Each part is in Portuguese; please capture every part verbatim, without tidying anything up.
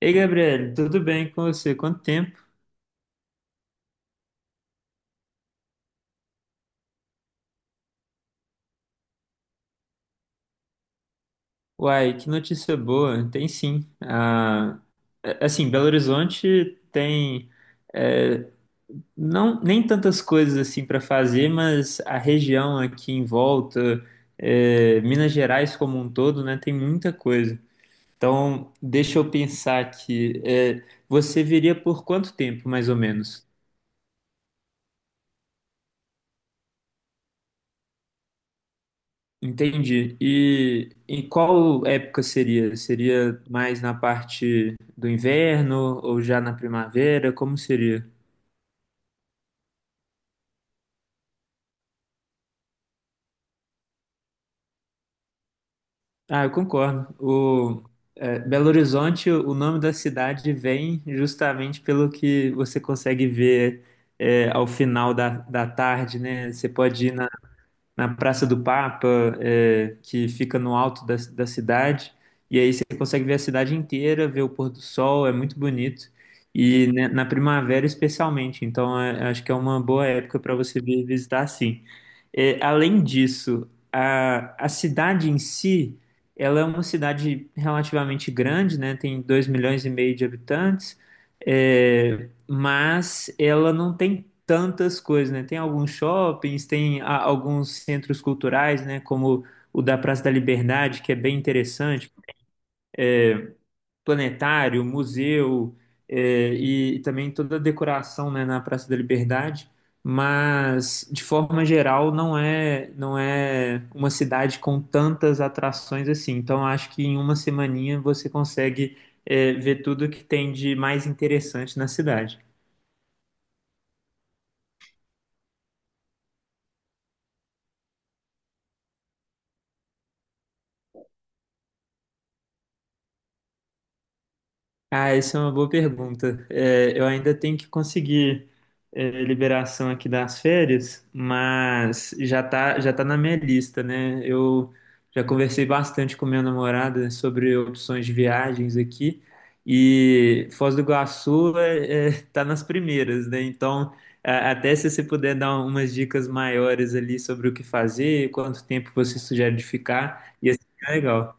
Ei, Gabriel, tudo bem com você? Quanto tempo? Uai, que notícia boa. Tem sim. Ah, é- assim, Belo Horizonte tem é, não nem tantas coisas assim para fazer, mas a região aqui em volta, é, Minas Gerais como um todo, né, tem muita coisa. Então, deixa eu pensar aqui. É, você viria por quanto tempo, mais ou menos? Entendi. E em qual época seria? Seria mais na parte do inverno ou já na primavera? Como seria? Ah, eu concordo. O, é, Belo Horizonte, o nome da cidade vem justamente pelo que você consegue ver é, ao final da, da tarde, né? Você pode ir na Praça do Papa, é, que fica no alto da, da cidade. E aí você consegue ver a cidade inteira, ver o pôr do sol, é muito bonito. E né, na primavera, especialmente. Então, é- acho que é uma boa época para você vir visitar, sim. É, além disso, a, a cidade em si, ela é uma cidade relativamente grande, né? Tem dois milhões e meio de habitantes, é, mas ela não tem tantas coisas, né? Tem alguns shoppings, tem a- alguns centros culturais, né? Como o da Praça da Liberdade, que é bem interessante, planetário, museu, eh, e também toda a decoração, né, na Praça da Liberdade, mas de forma geral não é não é uma cidade com tantas atrações assim. Então acho que em uma semaninha você consegue eh, ver tudo que tem de mais interessante na cidade. Ah, isso é uma boa pergunta. É, eu ainda tenho que conseguir é, liberação aqui das férias, mas já tá, já tá na minha lista, né? Eu já conversei bastante com minha namorada sobre opções de viagens aqui e Foz do Iguaçu é, é, tá nas primeiras, né? Então, a- até se você puder dar umas dicas maiores ali sobre o que fazer, quanto tempo você sugere de ficar, ia ser legal.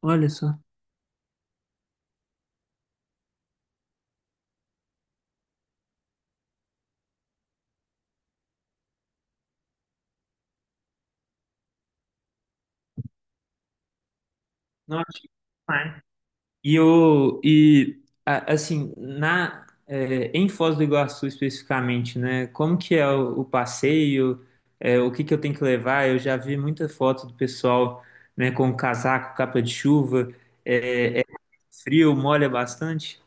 Olha só. Nossa, e o e a- assim, na é, em Foz do Iguaçu especificamente, né? Como que é o, o passeio? É, o que que eu tenho que levar? Eu já vi muita foto do pessoal, né, com casaco, capa de chuva, é, é frio, molha bastante.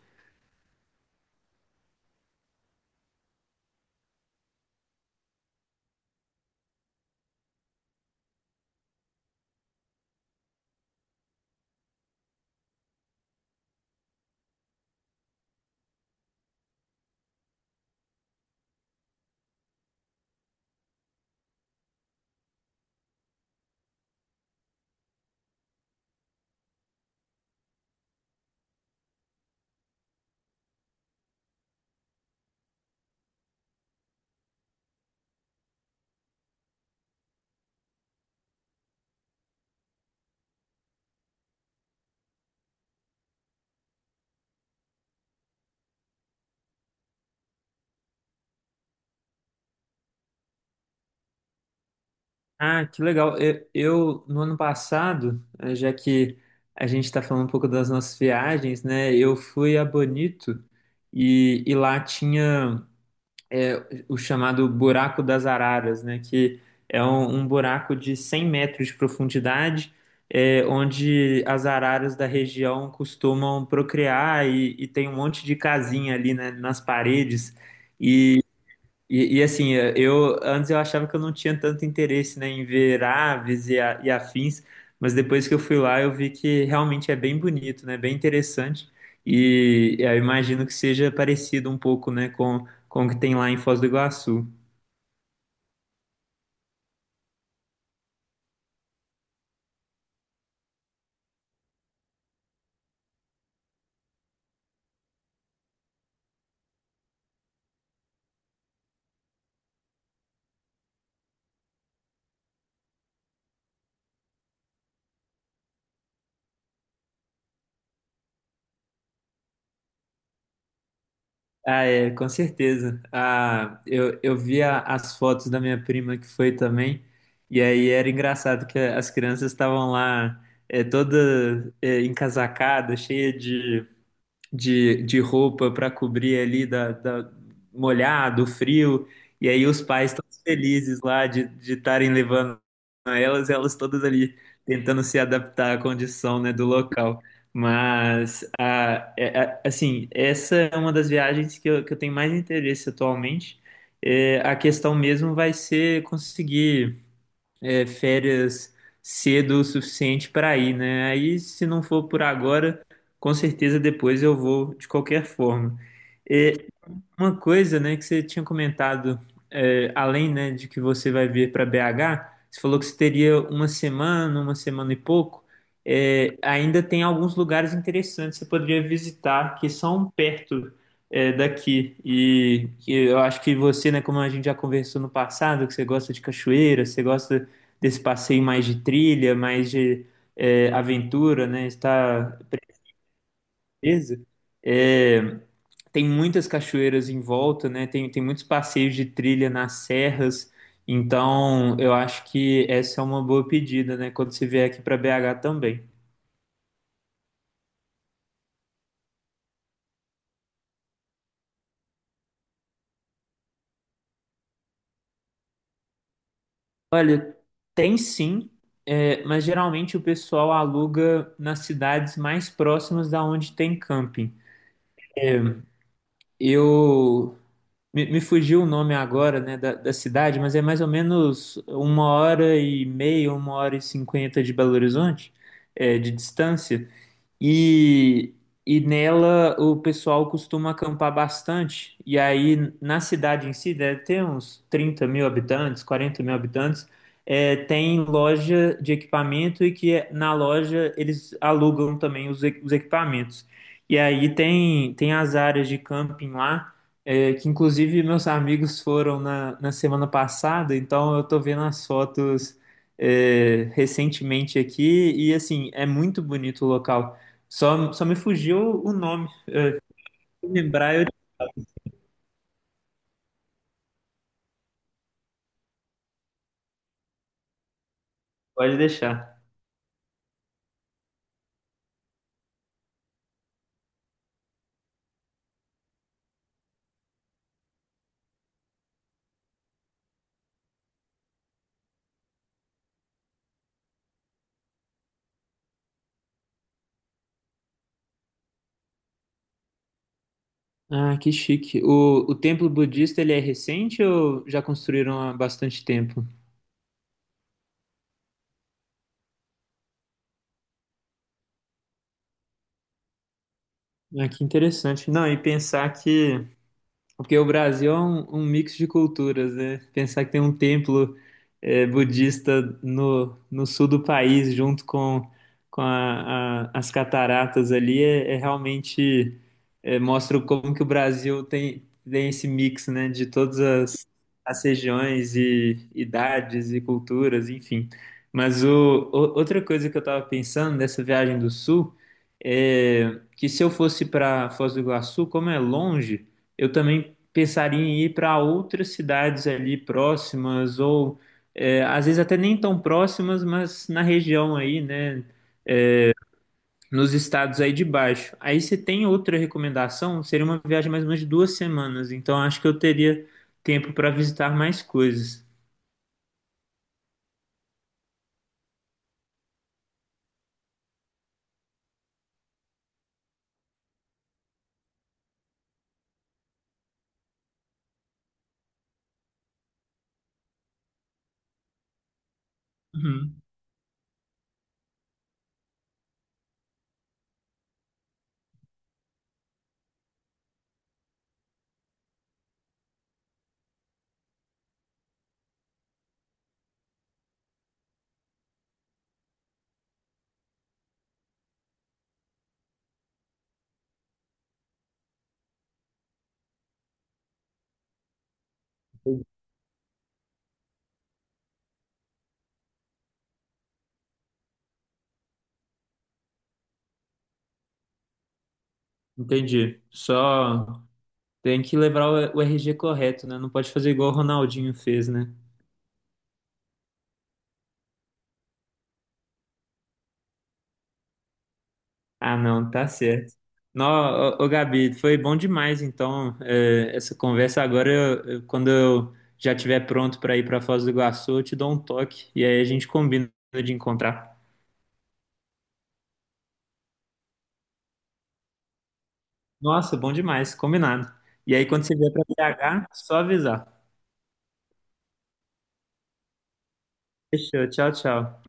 Ah, que legal. Eu, eu, no ano passado, eh, já que a gente está falando um pouco das nossas viagens, né? Eu fui a Bonito e, e lá tinha é, o chamado Buraco das Araras, né? Que é um, um buraco de cem metros de profundidade, é, onde as araras da região costumam procriar e, e tem um monte de casinha ali, né, nas paredes. E, e, assim, eh, eu antes eu achava que eu não tinha tanto interesse, né, em ver aves e, a- e afins, mas depois que eu fui lá eu vi que realmente é bem bonito, né, bem interessante. E, e eu imagino que seja parecido um pouco, né, com, com o que tem lá em Foz do Iguaçu. Ah, é, com certeza. Ah, eu, eu vi a- as fotos da minha prima que foi também, e aí era engraçado que as crianças estavam lá é, toda é, encasacada, cheia de de, de roupa para cobrir ali da, da molhado, frio, e aí os pais todos felizes lá de de estarem levando elas, elas todas ali tentando se adaptar à condição, né, do local. Mas a, é- a- assim, essa é uma das viagens que eu, que eu tenho mais interesse atualmente. É, a questão mesmo vai ser conseguir é, férias cedo o suficiente para ir, né? Aí, se não for por agora, com certeza depois eu vou de qualquer forma. Uma coisa, né, que você tinha comentado, é, além, né, de que você vai vir para B H, você falou que você teria uma semana, uma semana e pouco. É, ainda tem alguns lugares interessantes que você poderia visitar que são perto, é, daqui. E que eu acho que você, né, como a gente já conversou no passado, que você gosta de cachoeira, você gosta desse passeio mais de trilha, mais de, é, aventura, né, está beleza? É, Tem muitas cachoeiras em volta, né? Tem, tem muitos passeios de trilha nas serras. Então, eu acho que essa é uma boa pedida, né? Quando você vier aqui para B H também. Olha, tem sim, é, mas geralmente o pessoal aluga nas cidades mais próximas da onde tem camping. Eu Me, me fugiu o nome agora, né, da, da cidade, mas é mais ou menos uma hora e meia, uma hora e cinquenta de Belo Horizonte, é, de distância. E, e nela o pessoal costuma acampar bastante. E aí na cidade em si, deve ter uns trinta mil habitantes, quarenta mil habitantes, é, tem loja de equipamento e que é- na loja eles alugam também os, e- os equipamentos. E aí tem, tem as áreas de camping lá, é, que inclusive meus amigos foram na, na semana passada, então eu tô vendo as fotos. É, recentemente aqui e assim é muito bonito o local. Só, só me fugiu o nome. Se lembrar, eu pode deixar. Ah, que chique. O, o templo budista, ele é recente ou já construíram há bastante tempo? Ah, que interessante. Não, e pensar que, porque o Brasil é um, um mix de culturas, né? Pensar que tem um templo eh, budista no, no sul do país, junto com, com a- a- as cataratas ali, é, é realmente eh, mostra como que o Brasil tem, tem esse mix, né? De todas as, as regiões e idades e culturas, enfim. Mas o, o- outra coisa que eu estava pensando nessa viagem do sul é que se eu fosse para Foz do Iguaçu, como é longe. Eu também pensaria em ir para outras cidades ali próximas, ou é, às vezes até nem tão próximas, mas na região aí, né? Nos estados aí de baixo. Aí você tem outra recomendação? Seria uma viagem mais ou menos de duas semanas, então acho que eu teria tempo para visitar mais coisas. Uhum. Entendi. Só tem que levar o o R G correto, né? Não pode fazer igual o Ronaldinho fez, né? Ah, não, tá certo. Nó, ô, ô, Gabi, foi bom demais, então, é, essa conversa. Agora, eu- eu- quando eu já estiver pronto para ir para Foz do Iguaçu, eu te dou um toque e aí a gente combina de encontrar. Nossa, bom demais, combinado. E aí, quando você vier para B H, só avisar. Fechou, tchau, tchau.